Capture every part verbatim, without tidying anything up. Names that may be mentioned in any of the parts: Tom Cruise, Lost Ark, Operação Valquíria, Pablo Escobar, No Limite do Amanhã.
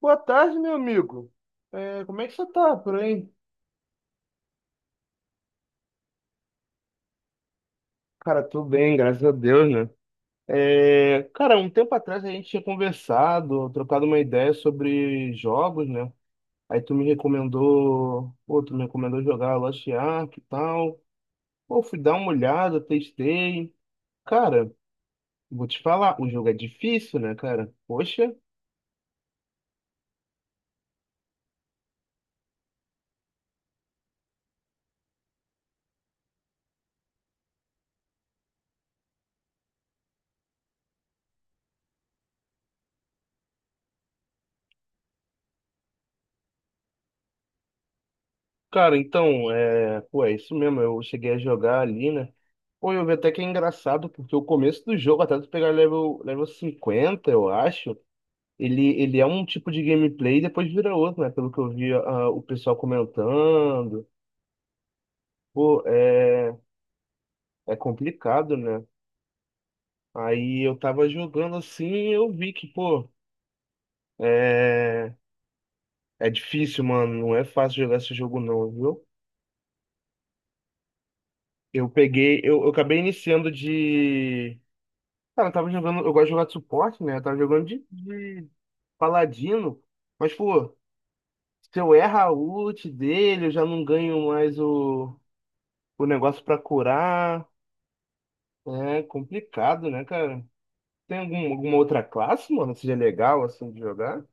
Boa tarde, meu amigo. É, como é que você tá por aí? Cara, tudo bem, graças a Deus, né? É, cara, um tempo atrás a gente tinha conversado, trocado uma ideia sobre jogos, né? Aí tu me recomendou, pô, tu me recomendou jogar Lost Ark e tal. Pô, fui dar uma olhada, testei. Cara, vou te falar, o jogo é difícil, né, cara? Poxa. Cara, então, é, pô, é isso mesmo. Eu cheguei a jogar ali, né? Pô, eu vi até que é engraçado, porque o começo do jogo, até tu pegar level, level cinquenta eu acho, ele, ele é um tipo de gameplay e depois vira outro, né? Pelo que eu vi ah, o pessoal comentando. Pô, é, é complicado, né? Aí eu tava jogando assim e eu vi que, pô, é, é difícil, mano. Não é fácil jogar esse jogo, não, viu? Eu peguei, eu, eu acabei iniciando. Cara, eu tava jogando. Eu gosto de jogar de suporte, né? Eu tava jogando de, de paladino. Mas, pô, se eu erro a ult dele, eu já não ganho mais o, o negócio pra curar. É complicado, né, cara? Tem algum, alguma outra classe, mano, que seja legal, assim, de jogar?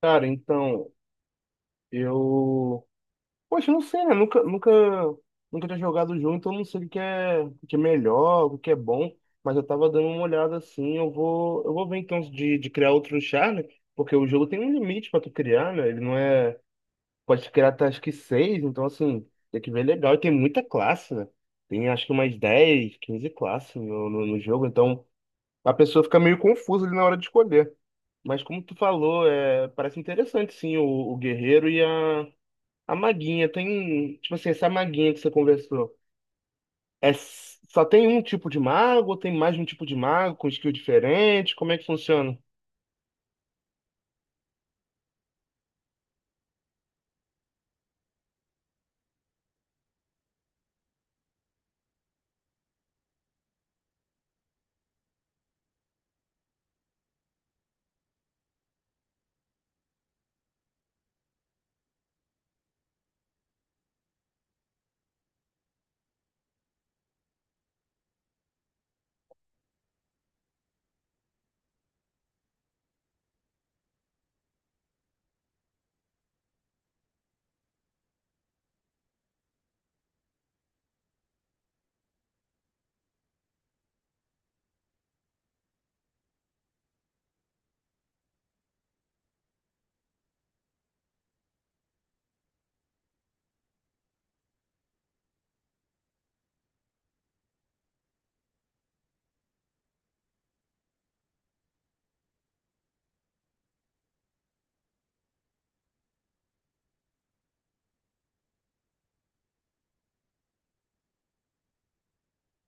Cara, então, eu. Poxa, não sei, né? Nunca, nunca, nunca tinha jogado junto, então eu não sei o que é, o que é melhor, o que é bom, mas eu tava dando uma olhada assim, eu vou, eu vou ver então de, de criar outro char, né? Porque o jogo tem um limite pra tu criar, né? Ele não é, pode criar até acho que seis, então assim, tem que ver legal, e tem muita classe, né? Tem acho que umas dez quinze classes no, no, no jogo, então a pessoa fica meio confusa ali na hora de escolher. Mas como tu falou, é, parece interessante sim o, o, guerreiro e a a maguinha tem, tipo assim, essa maguinha que você conversou. É s- só tem um tipo de mago ou tem mais de um tipo de mago com skill diferente? Como é que funciona?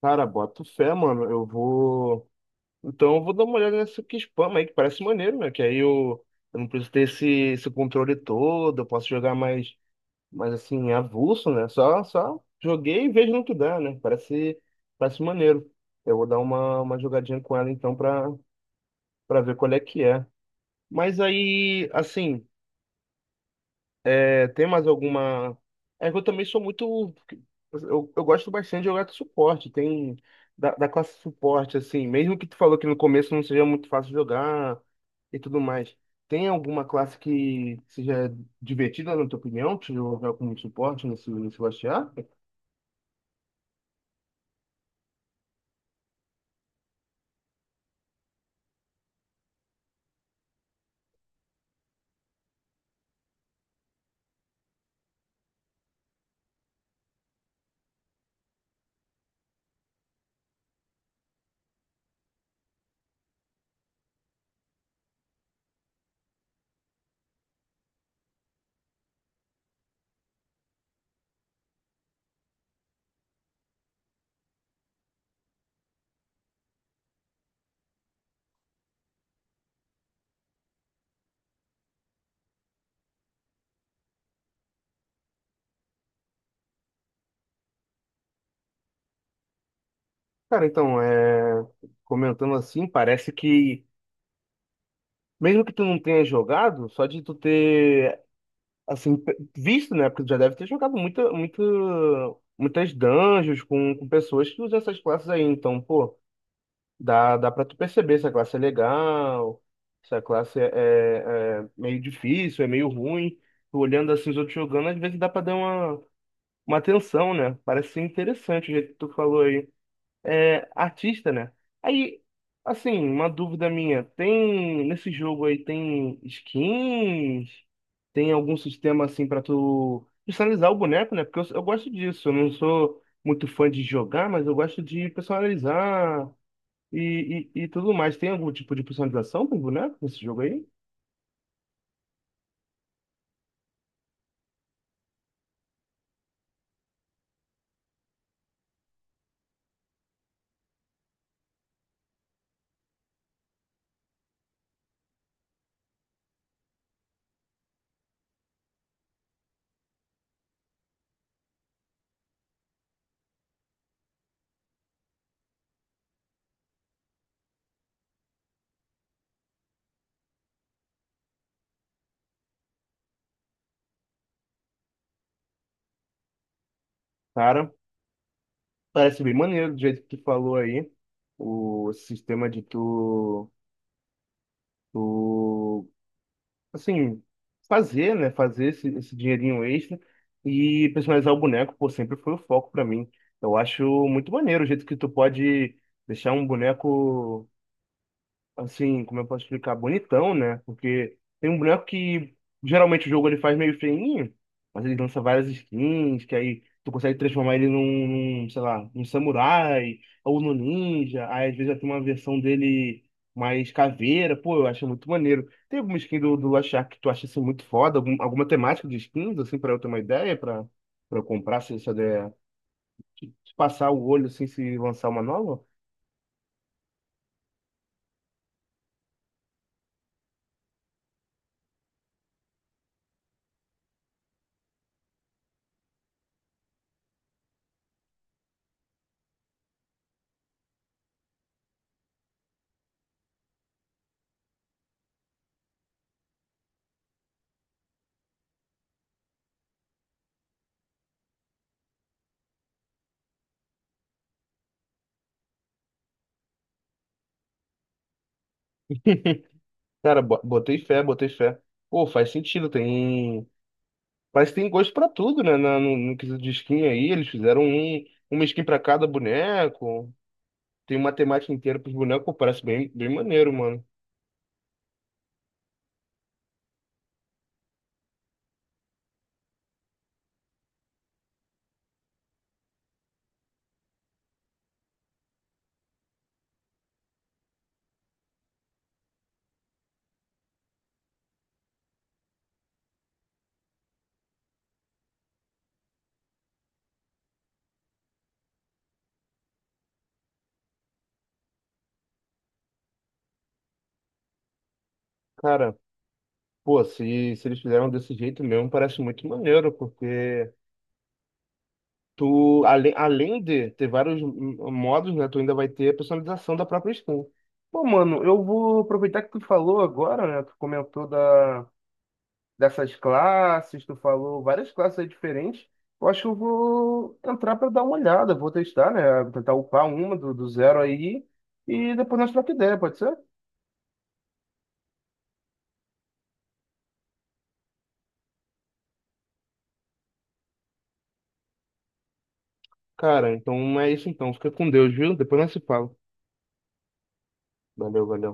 Cara, bota fé, mano. Eu vou. Então eu vou dar uma olhada nessa que spam aí, que parece maneiro, né? Que aí eu, eu não preciso ter esse, esse controle todo, eu posso jogar mais, mais assim, avulso, né? Só, só joguei e vejo no que dá, né? Parece, parece maneiro. Eu vou dar uma, uma jogadinha com ela então pra, pra ver qual é que é. Mas aí, assim. É, tem mais alguma. É que eu também sou muito. Eu, eu gosto bastante de jogar de suporte. Tem da, da classe suporte, assim. Mesmo que tu falou que no começo não seja muito fácil jogar e tudo mais. Tem alguma classe que seja divertida, na tua opinião, de jogar como suporte nesse, nesse bastiar? Cara, então, é... comentando assim, parece que. Mesmo que tu não tenha jogado, só de tu ter assim, pe- visto, né? Porque já deve ter jogado muita, muita, muitas dungeons com, com pessoas que usam essas classes aí. Então, pô, dá, dá pra tu perceber se a classe é legal, se a classe é, é- é meio difícil, é meio ruim. Tu olhando assim os outros jogando, às vezes dá pra dar uma, uma atenção, né? Parece ser interessante o jeito que tu falou aí é, artista, né? Aí, assim, uma dúvida minha, tem nesse jogo aí tem skins, tem algum sistema assim pra tu personalizar o boneco, né? Porque eu, eu gosto disso, eu não sou muito fã de jogar, mas eu gosto de personalizar e, e, e tudo mais. Tem algum tipo de personalização pro boneco nesse jogo aí? Cara, parece bem maneiro do jeito que tu falou aí, o sistema de tu, tu assim, fazer, né? Fazer esse, esse dinheirinho extra e personalizar o boneco, pô, sempre foi o foco pra mim. Eu acho muito maneiro o jeito que tu pode deixar um boneco assim, como eu posso explicar, bonitão, né? Porque tem um boneco que geralmente o jogo ele faz meio feinho, mas ele lança várias skins, que aí tu consegue transformar ele num, num, sei lá, num samurai ou num ninja. Aí às vezes já tem uma versão dele mais caveira, pô, eu acho muito maneiro. Tem alguma skin do, do Last Shark que tu acha assim muito foda? Algum- alguma temática de skins, assim, pra eu ter uma ideia, pra, pra eu comprar, se, se eu der, se passar o olho, assim, se lançar uma nova? Cara, bo- botei fé, botei fé. Pô, faz sentido, tem. mas tem gosto pra tudo, né? na- No, no quesito de skin aí, eles fizeram um, uma skin pra cada boneco. Tem uma temática inteira pros bonecos, pô, parece bem, bem maneiro, mano. Cara, pô, se, se eles fizeram desse jeito mesmo, parece muito maneiro, porque tu, além, além de ter vários hum, modos, né? Tu ainda vai ter a personalização da própria skin. Pô, mano, eu vou aproveitar que tu falou agora, né? Tu comentou da. Dessas classes, tu falou várias classes aí diferentes. Eu acho que eu vou entrar para dar uma olhada, vou testar, né? Tentar upar uma do, do zero aí e depois nós troca ideia, pode ser? Cara, então é isso então. Fica com Deus, viu? Depois nós se fala. Valeu, valeu.